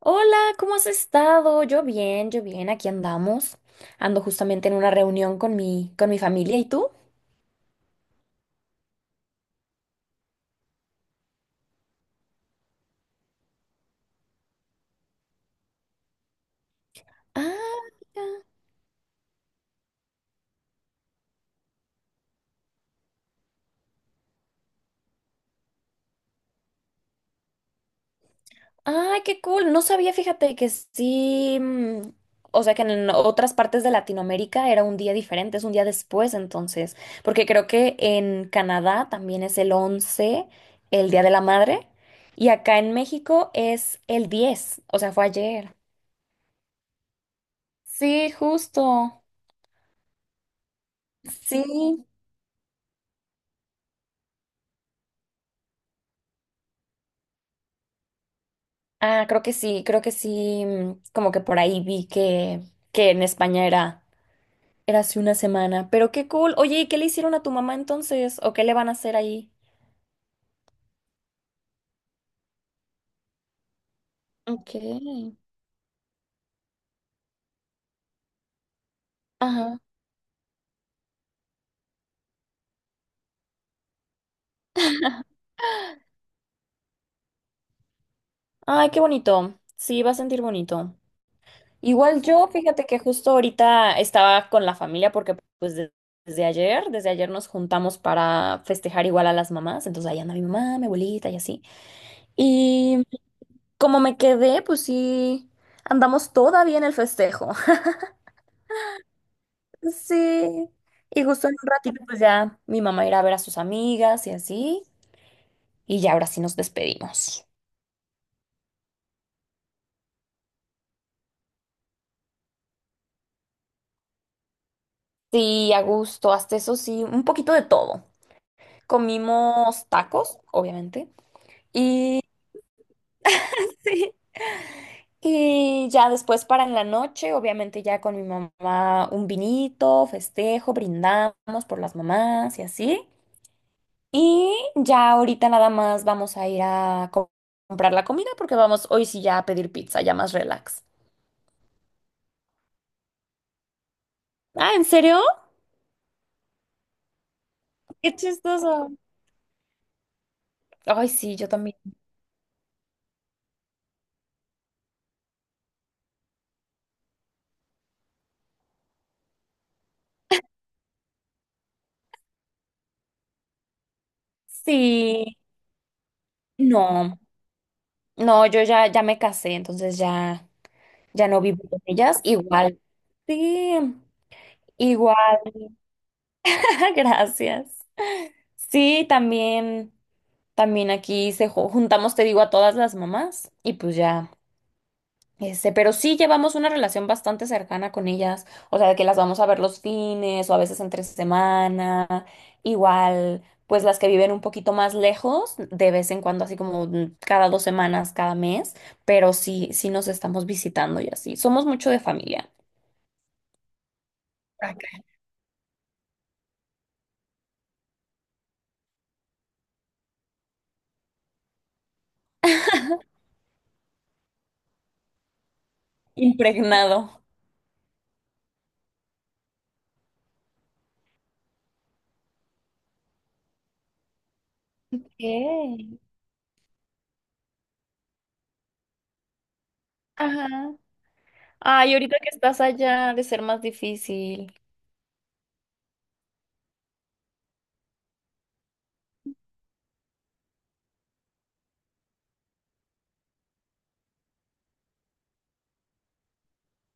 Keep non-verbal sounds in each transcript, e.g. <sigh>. Hola, ¿cómo has estado? Yo bien, aquí andamos. Ando justamente en una reunión con mi familia. ¿Y tú? Ah, mira. Ay, qué cool. No sabía, fíjate que sí. O sea, que en otras partes de Latinoamérica era un día diferente, es un día después, entonces. Porque creo que en Canadá también es el 11, el Día de la Madre. Y acá en México es el 10. O sea, fue ayer. Sí, justo. Sí. Ah, creo que sí, como que por ahí que en España era hace una semana, pero qué cool. Oye, ¿y qué le hicieron a tu mamá entonces? ¿O qué le van a hacer ahí? Ok. Ajá. Ay, qué bonito. Sí, va a sentir bonito. Igual yo, fíjate que justo ahorita estaba con la familia porque pues desde ayer nos juntamos para festejar igual a las mamás, entonces ahí anda mi mamá, mi abuelita y así. Y como me quedé, pues sí, andamos todavía en el festejo. Sí. Y justo en un ratito, pues ya mi mamá irá a ver a sus amigas y así. Y ya ahora sí nos despedimos. Sí, a gusto, hasta eso sí, un poquito de todo. Comimos tacos, obviamente. Y, <laughs> y ya después para en la noche, obviamente ya con mi mamá un vinito, festejo, brindamos por las mamás y así. Y ya ahorita nada más vamos a ir a comprar la comida porque vamos hoy sí ya a pedir pizza, ya más relax. Ah, ¿en serio? Qué chistoso. Ay, sí, yo también. Sí. No, no, ya me casé, entonces ya, ya no vivo con ellas. Igual, sí, igual, <laughs> gracias. Sí, también, también aquí se juntamos, te digo, a todas las mamás y pues ya. Este, pero sí llevamos una relación bastante cercana con ellas, o sea, de que las vamos a ver los fines o a veces entre semana, igual, pues las que viven un poquito más lejos, de vez en cuando, así como cada 2 semanas, cada mes, pero sí, sí nos estamos visitando y así. Somos mucho de familia. Acá. Impregnado. Ok. Ajá. Ay, ahorita que estás allá, ha de ser más difícil.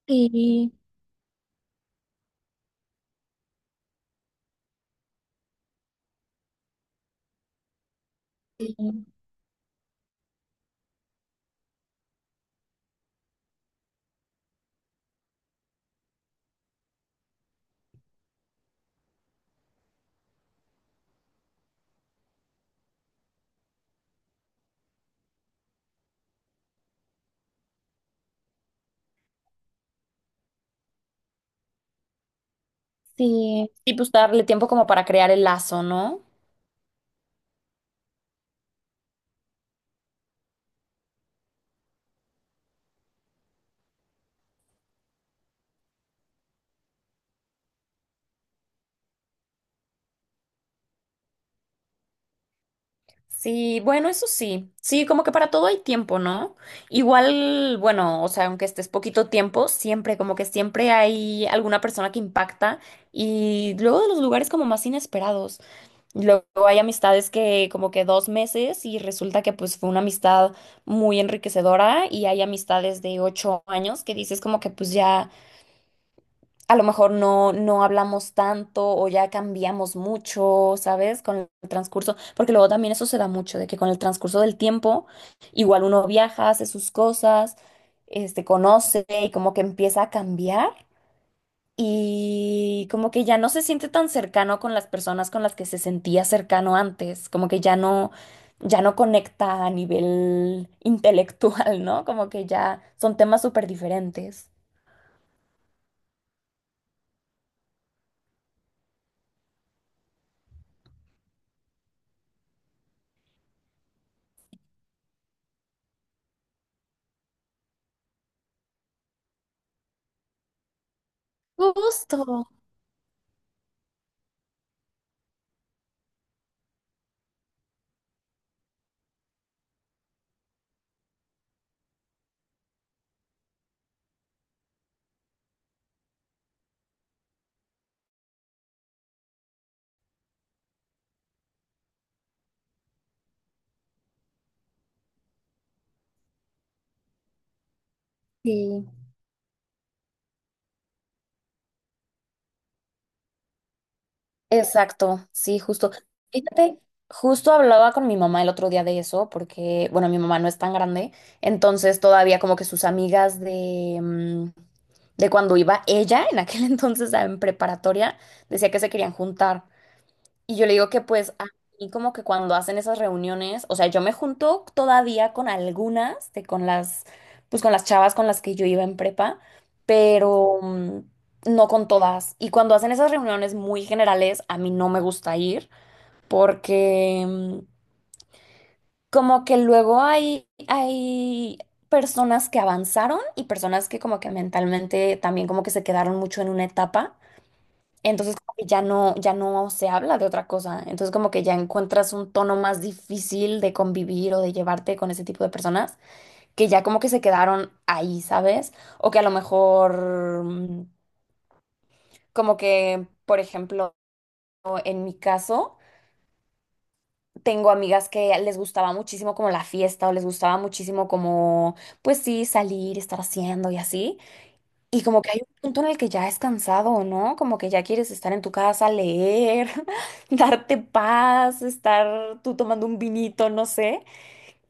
Sí, sí, sí. Y pues darle tiempo como para crear el lazo, ¿no? Sí, bueno, eso sí. Sí, como que para todo hay tiempo, ¿no? Igual, bueno, o sea, aunque estés poquito tiempo, siempre, como que siempre hay alguna persona que impacta y luego de los lugares como más inesperados. Luego hay amistades que como que 2 meses y resulta que pues fue una amistad muy enriquecedora y hay amistades de 8 años que dices como que pues ya a lo mejor no hablamos tanto o ya cambiamos mucho, ¿sabes? Con el transcurso, porque luego también eso se da mucho, de que con el transcurso del tiempo, igual uno viaja, hace sus cosas, este, conoce y como que empieza a cambiar y como que ya no se siente tan cercano con las personas con las que se sentía cercano antes, como que ya no, ya no conecta a nivel <laughs> intelectual, ¿no? Como que ya son temas súper diferentes. Justo. Sí. Exacto, sí, justo. Fíjate, justo hablaba con mi mamá el otro día de eso, porque, bueno, mi mamá no es tan grande, entonces todavía como que sus amigas de, de cuando iba ella, en aquel <laughs> entonces en preparatoria, decía que se querían juntar. Y yo le digo que pues a mí como que cuando hacen esas reuniones, o sea, yo me junto todavía con algunas de con las pues con las chavas con las que yo iba en prepa, pero no con todas. Y cuando hacen esas reuniones muy generales, a mí no me gusta ir porque como que luego hay personas que avanzaron y personas que como que mentalmente también como que se quedaron mucho en una etapa. Entonces como que ya no, ya no se habla de otra cosa. Entonces como que ya encuentras un tono más difícil de convivir o de llevarte con ese tipo de personas que ya como que se quedaron ahí, ¿sabes? O que a lo mejor como que, por ejemplo, en mi caso, tengo amigas que les gustaba muchísimo como la fiesta o les gustaba muchísimo como, pues sí, salir, estar haciendo y así. Y como que hay un punto en el que ya es cansado, ¿no? Como que ya quieres estar en tu casa, leer, <laughs> darte paz, estar tú tomando un vinito, no sé.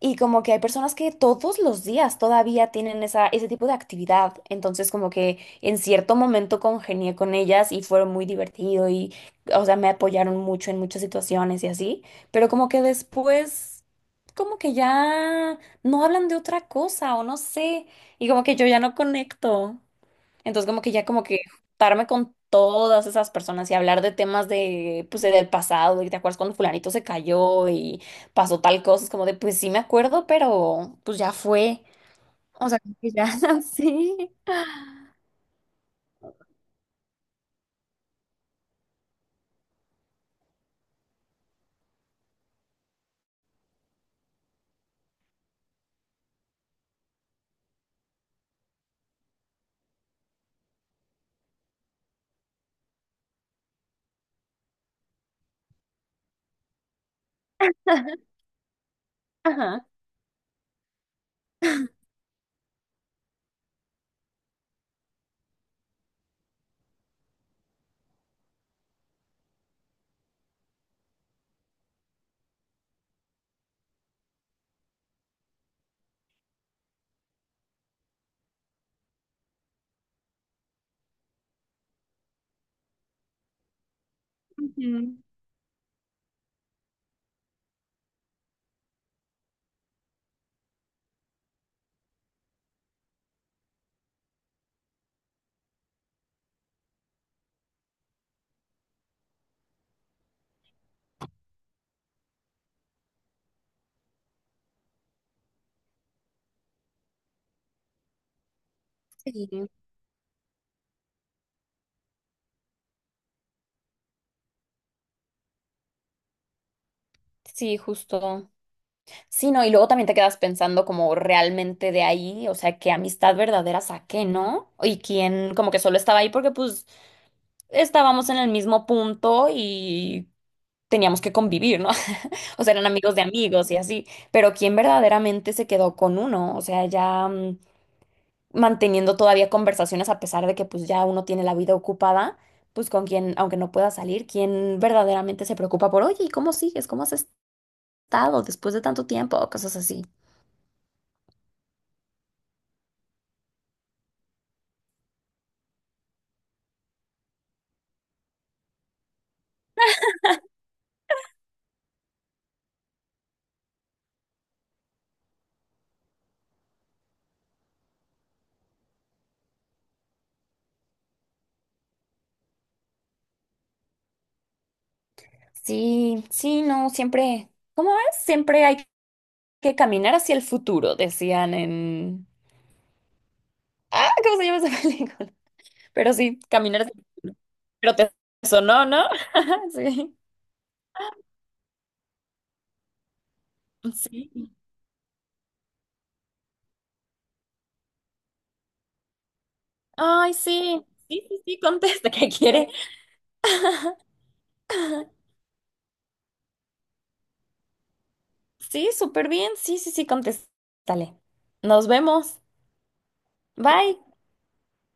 Y como que hay personas que todos los días todavía tienen esa, ese tipo de actividad. Entonces como que en cierto momento congenié con ellas y fueron muy divertido y, o sea, me apoyaron mucho en muchas situaciones y así. Pero como que después, como que ya no hablan de otra cosa o no sé. Y como que yo ya no conecto. Entonces, como que ya como que juntarme con todas esas personas y hablar de temas de, pues, del pasado, y te acuerdas cuando fulanito se cayó y pasó tal cosa, es como de, pues sí me acuerdo, pero pues ya fue. O sea, como que ya, <laughs> sí. Ajá. Ujú. Sí. Sí, justo. Sí, no, y luego también te quedas pensando como realmente de ahí, o sea, qué amistad verdadera saqué, ¿no? Y quién como que solo estaba ahí porque pues estábamos en el mismo punto y teníamos que convivir, ¿no? <laughs> O sea, eran amigos de amigos y así, pero quien verdaderamente se quedó con uno, o sea, ya, manteniendo todavía conversaciones a pesar de que pues ya uno tiene la vida ocupada, pues con quien, aunque no pueda salir, quien verdaderamente se preocupa por, oye, ¿y cómo sigues? ¿Cómo has estado después de tanto tiempo? O cosas así. Sí, sí, no, siempre, ¿cómo es? Siempre hay que caminar hacia el futuro, decían en... Ah, ¿cómo se llama esa <laughs> película? Pero sí, caminar. Sí. Pero te sonó, ¿no? <laughs> Sí. Sí. Ay, sí. Sí, sí, sí, contesta que quiere. Sí, súper bien. Sí, sí, sí, contéstale. Nos vemos. Bye.